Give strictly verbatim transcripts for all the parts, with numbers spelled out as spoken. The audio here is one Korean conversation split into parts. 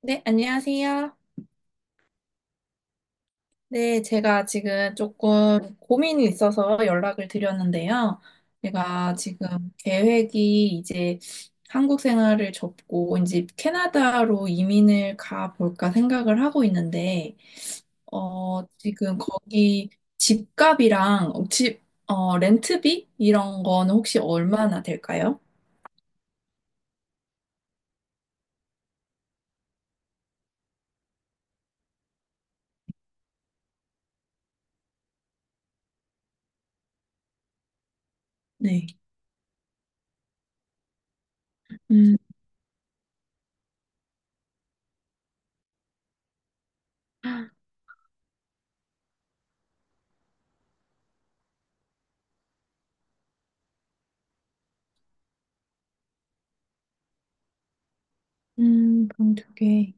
네, 안녕하세요. 네, 제가 지금 조금 고민이 있어서 연락을 드렸는데요. 제가 지금 계획이 이제 한국 생활을 접고 이제 캐나다로 이민을 가볼까 생각을 하고 있는데, 어, 지금 거기 집값이랑 집, 어, 렌트비? 이런 거는 혹시 얼마나 될까요? 네. 음. 음, 그럼 두 개.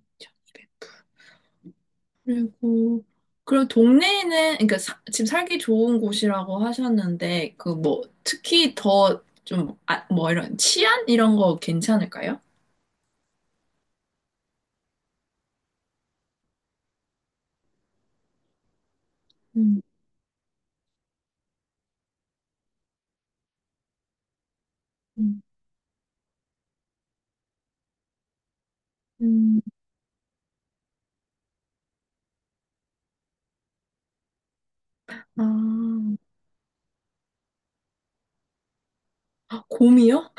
그리고 그럼 동네에는 그러니까 사- 집 살기 좋은 곳이라고 하셨는데 그 뭐 특히 더 좀 아, 뭐 이런 치안 이런 거 괜찮을까요? 음. 음. 음. 아, 아, 곰이요?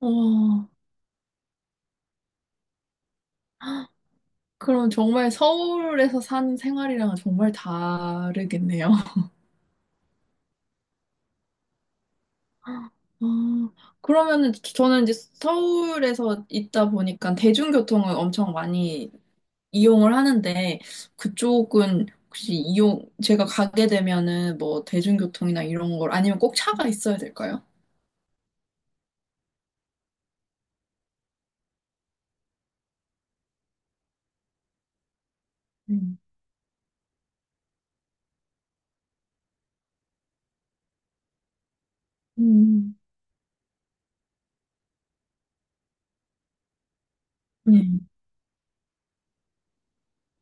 와. 그럼 정말 서울에서 사는 생활이랑은 정말 다르겠네요. 아, 그러면은 저는 이제 서울에서 있다 보니까 대중교통을 엄청 많이 이용을 하는데 그쪽은 혹시 이용 제가 가게 되면은 뭐 대중교통이나 이런 걸 아니면 꼭 차가 있어야 될까요? 음. 음. 음.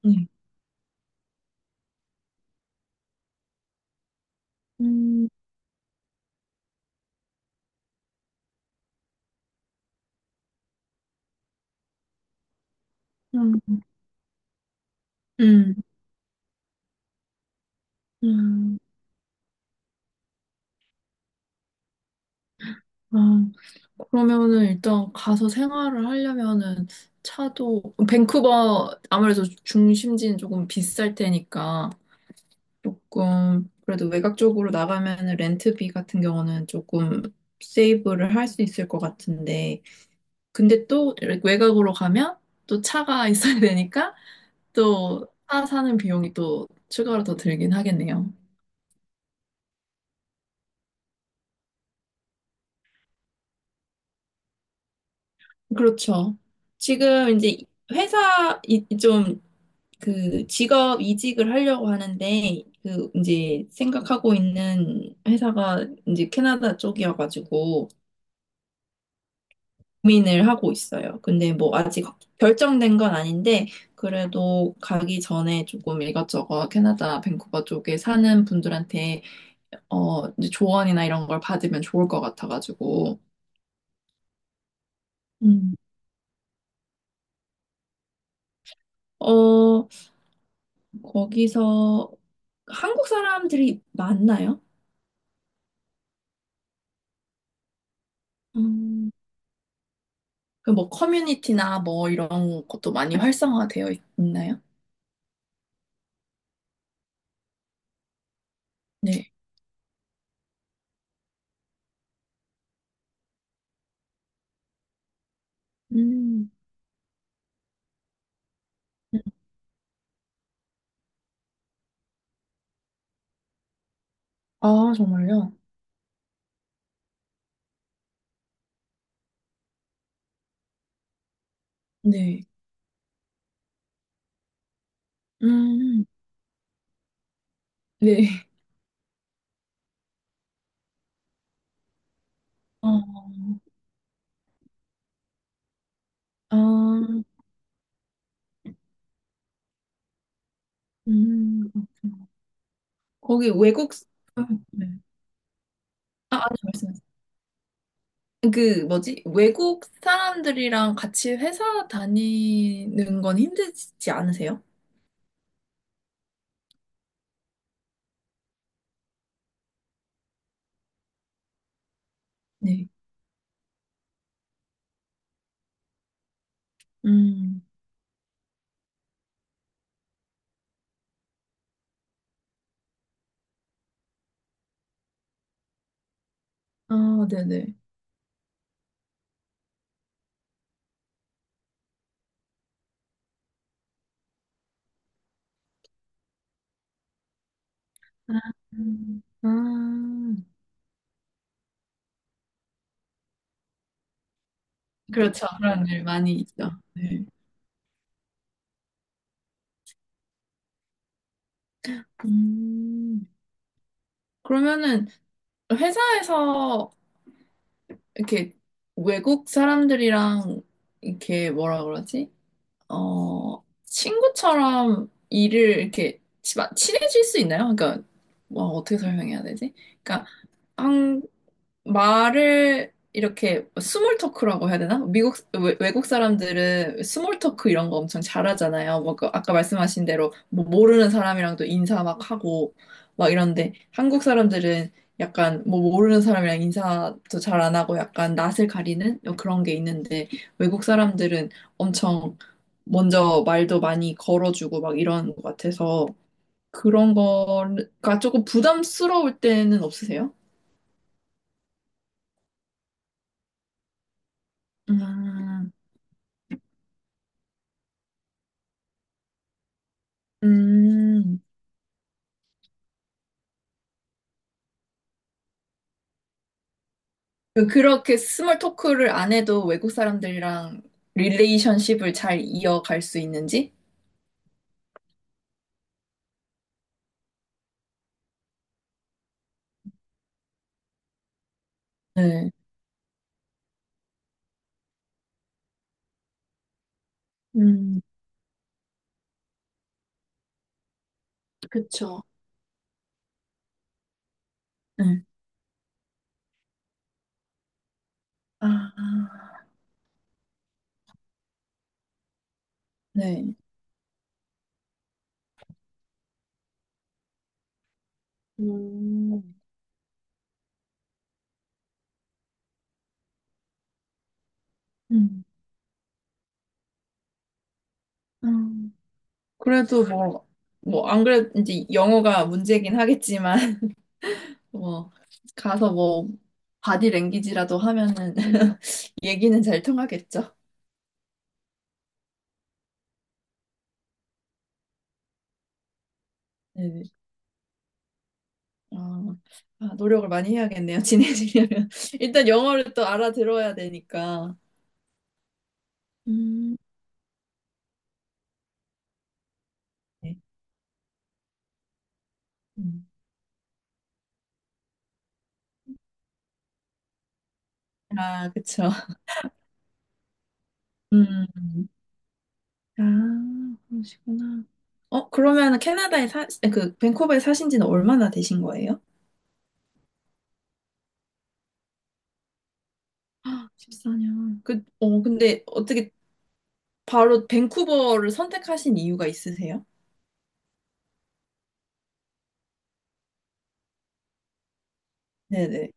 네. 음. 음. 음. 음. 아, 그러면은 일단 가서 생활을 하려면은 차도 밴쿠버 아무래도 중심지는 조금 비쌀 테니까 조금 그래도 외곽 쪽으로 나가면은 렌트비 같은 경우는 조금 세이브를 할 수 있을 것 같은데 근데 또 외곽으로 가면 또 차가 있어야 되니까 또 차 사는 비용이 또 추가로 더 들긴 하겠네요. 그렇죠. 지금 이제 회사 이, 좀 그 직업 이직을 하려고 하는데 그 이제 생각하고 있는 회사가 이제 캐나다 쪽이어가지고 고민을 하고 있어요. 근데 뭐 아직 결정된 건 아닌데 그래도 가기 전에 조금 이것저것 캐나다 밴쿠버 쪽에 사는 분들한테 어, 이제 조언이나 이런 걸 받으면 좋을 것 같아가지고. 음. 어, 거기서 한국 사람들이 많나요? 음. 그 뭐 커뮤니티나 뭐 이런 것도 많이 활성화되어 있- 있나요? 네. 음. 아, 정말요? 네. 음, 네. 어, 아, 음, 그렇구나. 거기 외국, 사- 음. 네. 아, 아니, 말씀하세요. 그 뭐지? 외국 사람들이랑 같이 회사 다니는 건 힘들지 않으세요? 네. 음. 아, 네네. 아, 음. 아. 그렇죠. 그런 일 많이 있죠. 네. 음. 그러면은 회사에서 이렇게 외국 사람들이랑 이렇게 뭐라 그러지? 어, 친구처럼 일을 이렇게 치- 친해질 수 있나요? 그러니까 뭐 어떻게 설명해야 되지? 그러니까 한국... 말을 이렇게 스몰 토크라고 해야 되나? 미국 외- 외국 사람들은 스몰 토크 이런 거 엄청 잘하잖아요. 뭐그 아까 말씀하신 대로 뭐 모르는 사람이랑도 인사 막 하고 막 이런데 한국 사람들은 약간 뭐 모르는 사람이랑 인사도 잘 안 하고 약간 낯을 가리는 그런 게 있는데 외국 사람들은 엄청 먼저 말도 많이 걸어주고 막 이런 것 같아서 그런 거가 조금 부담스러울 때는 없으세요? 음. 음. 그- 그렇게 스몰 토크를 안 해도 외국 사람들이랑 릴레이션십을 잘 이어갈 수 있는지? 네. 음, 그쵸. 네. 아, 네. 음. 음. 음. 그래도 뭐, 뭐, 안 그래도 이제 영어가 문제긴 하겠지만, 뭐, 가서 뭐, 바디 랭귀지라도 하면은 얘기는 잘 통하겠죠. 네. 아, 아, 노력을 많이 해야겠네요. 친해지려면. 일단 영어를 또 알아들어야 되니까. 음, 네. 음. 아, 그쵸. 음. 아, 그러시구나. 어, 그러면 캐나다에 사, 그, 밴쿠버에 사신 지는 얼마나 되신 거예요? 십사 년. 그, 어, 근데 어떻게 바로 밴쿠버를 선택하신 이유가 있으세요? 네네.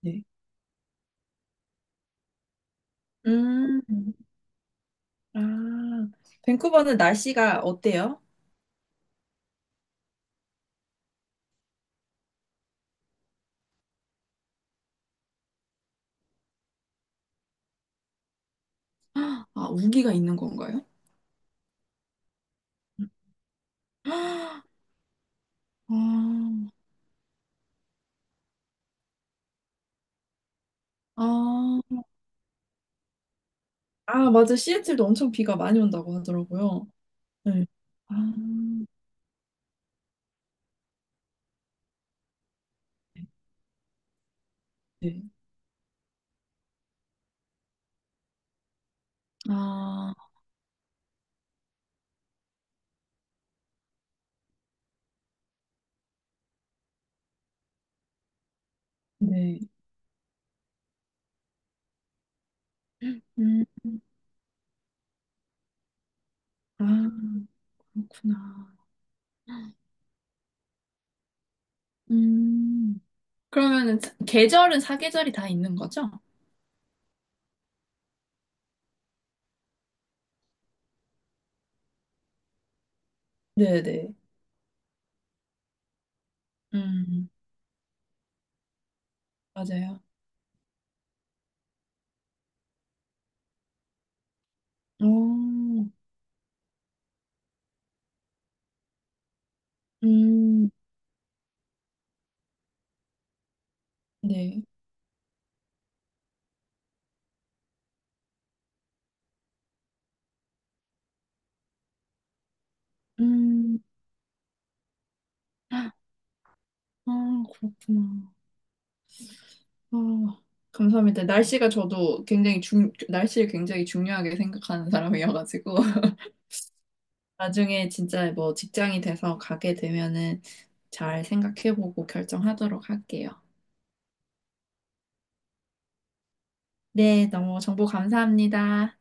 네. 음, 아, 밴쿠버는 날씨가 어때요? 아, 우기가 있는 건가요? 아, 아, 아, 맞아. 시애틀도 엄청 비가 많이 온다고 하더라고요. 네. 아, 네. 아, 네. 음, 아, 그렇구나. 음, 그러면은 사- 계절은 사계절이 다 있는 거죠? 네네. 음, 맞아요. 오, 음, 네. 음, 아, 그렇구나. 아, 감사합니다. 날씨가 저도 굉장히 중, 날씨를 굉장히 중요하게 생각하는 사람이어가지고. 나중에 진짜 뭐 직장이 돼서 가게 되면은 잘 생각해보고 결정하도록 할게요. 네, 너무 정보 감사합니다.